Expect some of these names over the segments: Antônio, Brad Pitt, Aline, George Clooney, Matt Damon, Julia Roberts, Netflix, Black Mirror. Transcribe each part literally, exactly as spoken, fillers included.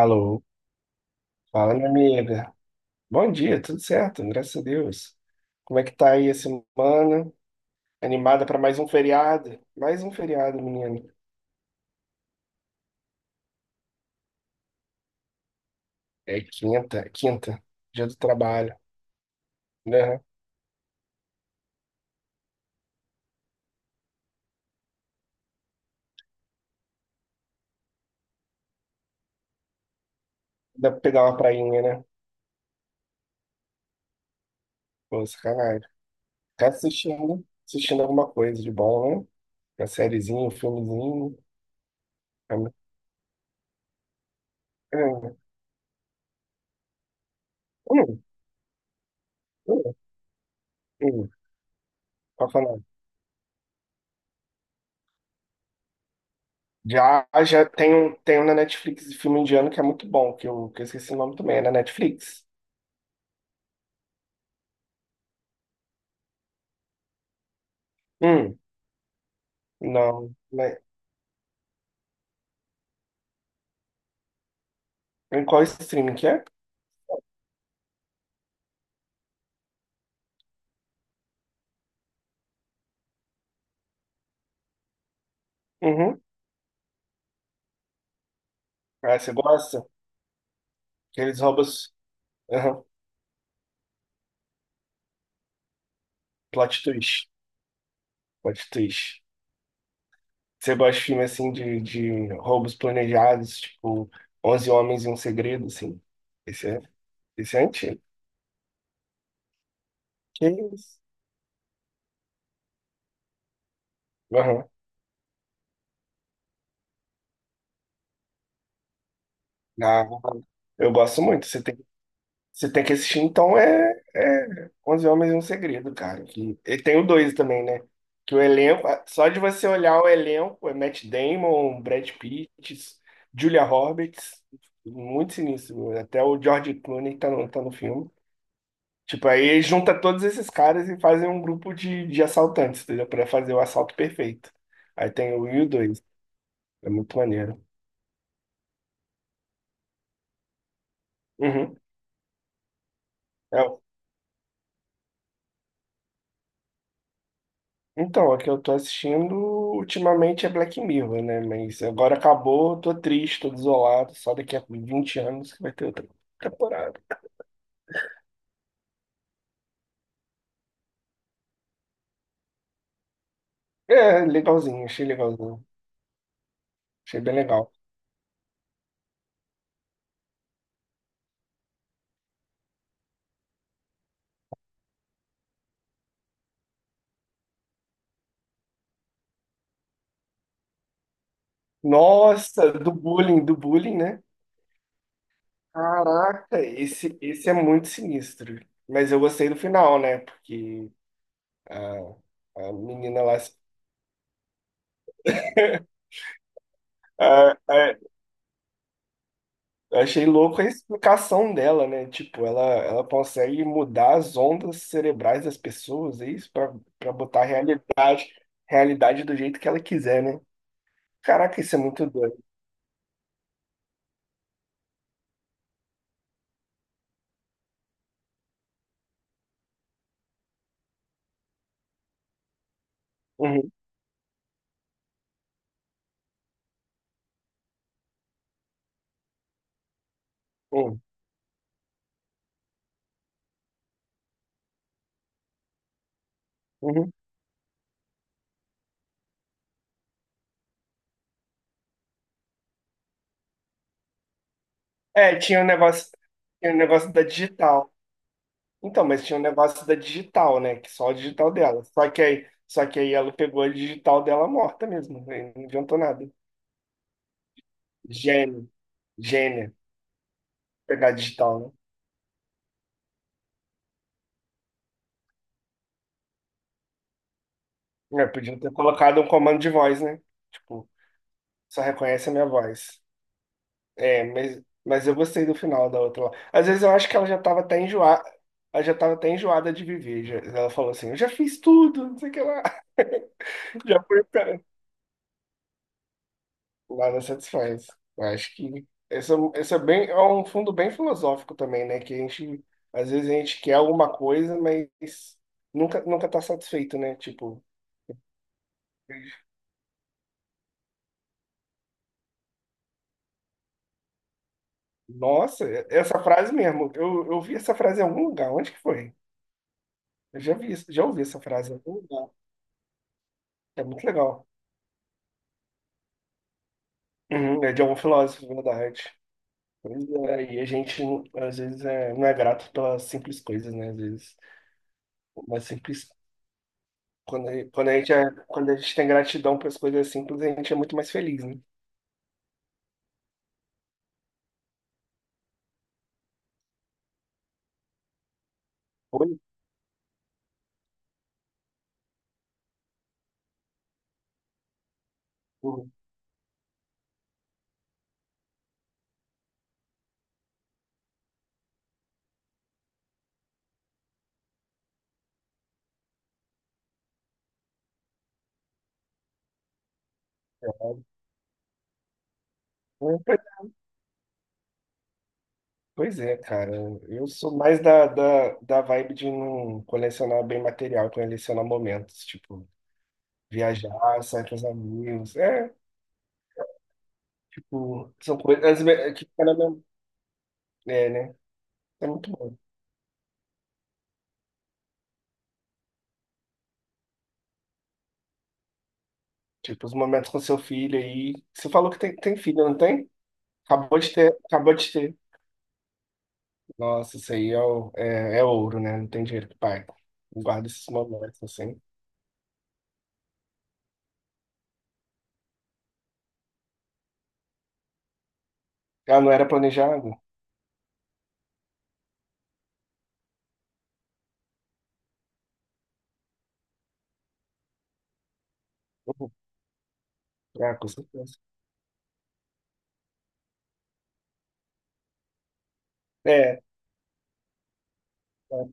Alô, fala minha amiga. Bom dia, tudo certo, graças a Deus. Como é que tá aí a semana? Animada para mais um feriado? Mais um feriado, menina. É quinta, quinta, dia do trabalho, né? Dá pra pegar uma prainha, né? Pô, sacanagem. Tá assistindo, assistindo alguma coisa de bom, né? Uma sériezinha, um filmezinho. É muito- É. Hum, hum, hum. Pra falar. Já, já tem um, tem um na Netflix de filme indiano que é muito bom, que eu, que eu esqueci o nome também, é na Netflix. Hum, não, né? Em qual streaming que é? Uhum. Ah, você gosta? Que eles roubam. os- Aham. Plot twist. Plot twist. Você gosta de filme assim de, de roubos planejados, tipo Onze Homens e um Segredo, assim? Esse é, esse é antigo. Que isso? Aham. Ah, eu gosto muito. Você tem Você tem que assistir, então, é, é onze Homens e um Segredo, cara. Que, e tem o dois também, né? Que o elenco, só de você olhar o elenco, é Matt Damon, Brad Pitt, Julia Roberts, muito sinistro. Até o George Clooney tá no, tá no filme. Tipo, aí junta todos esses caras e fazem um grupo de, de assaltantes, entendeu? Pra fazer o assalto perfeito. Aí tem o um e o dois. É muito maneiro. Uhum. É, Então, a que eu tô assistindo ultimamente é Black Mirror, né? Mas agora acabou, tô triste, tô desolado. Só daqui a vinte anos que vai ter outra temporada. É, legalzinho, achei legalzinho. Achei bem legal. Nossa, do bullying, do bullying, né? Caraca, esse, esse é muito sinistro. Mas eu gostei do final, né? Porque a, a menina lá, a, eu achei louco a explicação dela, né? Tipo, ela, ela consegue mudar as ondas cerebrais das pessoas, é isso? Pra, pra botar a realidade, realidade do jeito que ela quiser, né? Caraca, isso é muito doido. Uhum, uhum, uhum. É, tinha um negócio, tinha um negócio da digital. Então, mas tinha um negócio da digital, né? Que só a digital dela. Só que aí, só que aí ela pegou a digital dela morta mesmo, né? Não adiantou nada. Gênio, gênio. Pegar a digital, né? É, podia ter colocado um comando de voz, né? Tipo, só reconhece a minha voz. É, mas, mas eu gostei do final da outra lá. Às vezes eu acho que ela já tava até enjoada, ela já tava até enjoada de viver. Já- ela falou assim, eu já fiz tudo, não sei o que lá. Já foi pra. Nada satisfaz. Eu acho que essa, essa é bem, é um fundo bem filosófico também, né? Que a gente, às vezes a gente quer alguma coisa, mas nunca, nunca tá satisfeito, né? Tipo, nossa, essa frase mesmo. Eu, eu vi essa frase em algum lugar. Onde que foi? Eu já vi, isso- já ouvi essa frase em algum lugar. É muito legal. Uhum, é de algum filósofo, verdade. Pois é, e a gente, às vezes, é, não é grato pelas simples coisas, né? Às vezes, uma simples. Quando, a- quando, a gente é, quando a gente tem gratidão pelas coisas simples, a gente é muito mais feliz, né? Oi? Uhum. É, pois é, cara. Eu sou mais da, da, da vibe de não colecionar bem material, colecionar momentos, tipo. Viajar, sair com os amigos. É, tipo, são coisas é, que fica na mem- É, né? É muito bom. Tipo, os momentos com seu filho aí. Você falou que tem, tem filho, não tem? Acabou de ter, acabou de ter. Nossa, isso aí é, o- é, é ouro, né? Não tem dinheiro que pague. Guarda esses momentos assim. Ah, não era planejado? Uhum. Ah, com certeza. É, é.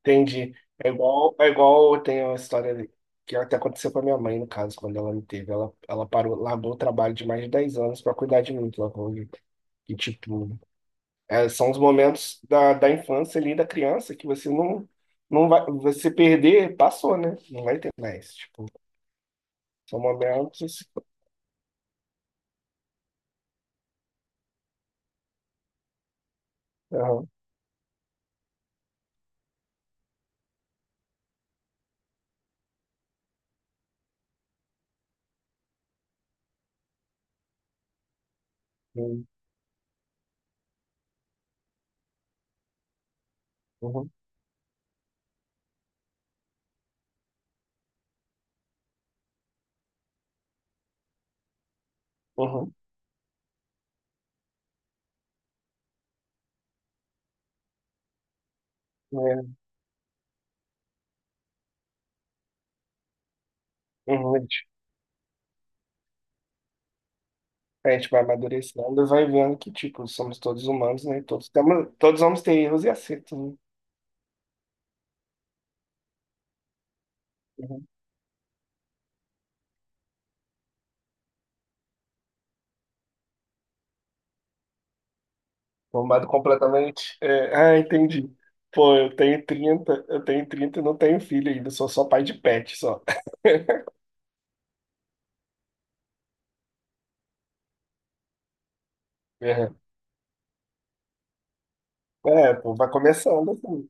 Entendi. É igual, é igual eu tenho uma história ali, que até aconteceu com a minha mãe, no caso, quando ela me teve. Ela, ela parou, largou o trabalho de mais de dez anos para cuidar de mim. Que ela E, tipo, é, são os momentos da, da infância ali, da criança, que você não, não vai, você perder, passou, né? Não vai ter mais. Tipo, são momentos, assim. Aham, uhum, uhum, uhum, é, uhum, a gente a gente vai amadurecendo e vai vendo que, tipo, somos todos humanos, né? Todos temos, todos vamos ter erros e acertos, né? Bombado completamente. É, ah, entendi. Pô, eu tenho trinta, eu tenho trinta e não tenho filho ainda, sou só pai de pet, só. Uhum. É, pô, vai começando assim.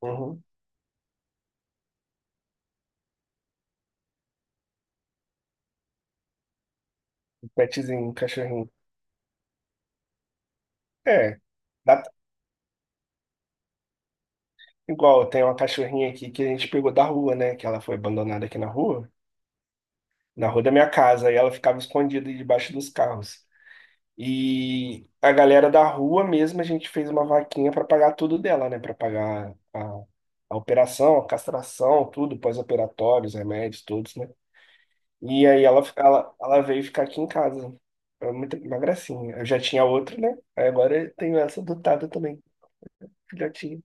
Uhum. Um petzinho, um cachorrinho. É, dá- igual, tem uma cachorrinha aqui que a gente pegou da rua, né? Que ela foi abandonada aqui na rua, na rua da minha casa, e ela ficava escondida debaixo dos carros. E a galera da rua mesmo, a gente fez uma vaquinha para pagar tudo dela, né? Para pagar a, a operação, a castração, tudo, pós-operatórios, remédios, todos, né? E aí ela, ela, ela veio ficar aqui em casa. É muito, uma gracinha. Eu já tinha outra, né? Aí agora eu tenho essa adotada também, filhotinha.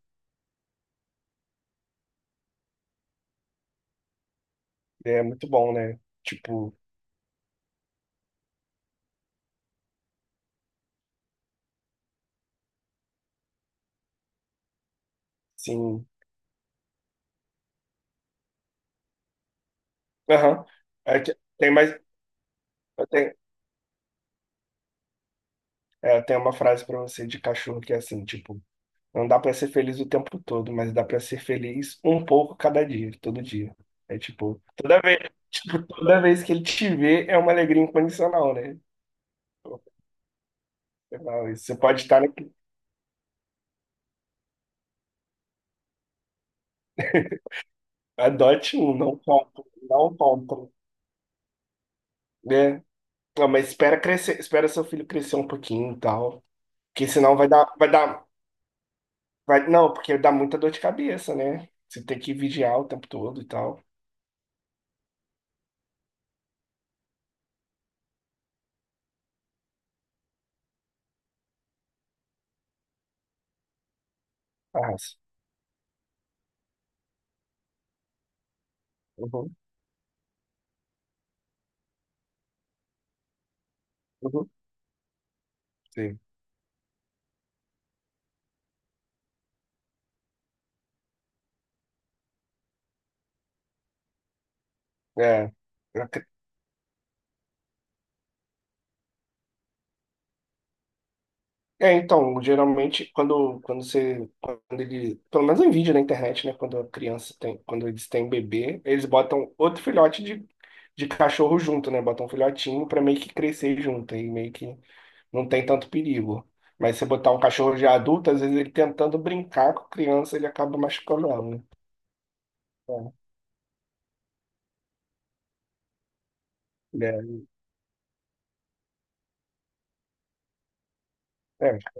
É muito bom, né? Tipo, sim. Aham. Aí te- tem mais. Eu tenho, é, eu tenho uma frase para você de cachorro que é assim, tipo. Não dá pra ser feliz o tempo todo, mas dá pra ser feliz um pouco cada dia, todo dia. É tipo, toda vez, tipo, toda vez que ele te vê é uma alegria incondicional, né? Não, isso. Você pode estar na. Adote um, não compre, não compre, né? Não, mas espera crescer, espera seu filho crescer um pouquinho e tal, porque senão vai dar, vai dar, vai, não, porque dá muita dor de cabeça, né? Você tem que vigiar o tempo todo e tal. Arrasa. Uhum, uhum, sim. É, é, então, geralmente quando, quando você, quando ele, pelo menos em vídeo na internet, né, quando a criança tem, quando eles têm bebê, eles botam outro filhote de, de cachorro junto, né, botam um filhotinho para meio que crescer junto, aí meio que não tem tanto perigo. Mas se botar um cachorro já adulto, às vezes ele tentando brincar com a criança, ele acaba machucando ela, né? É, é, é.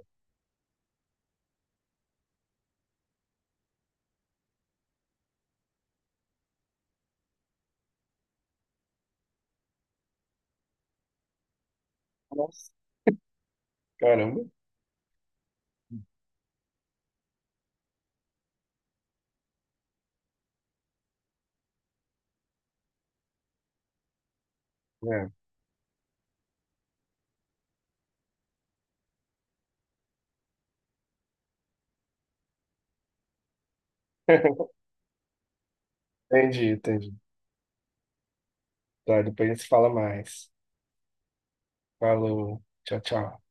Nossa, caramba. É. Entendi, entendi. Tá, depois a gente se fala mais. Falou, tchau, tchau.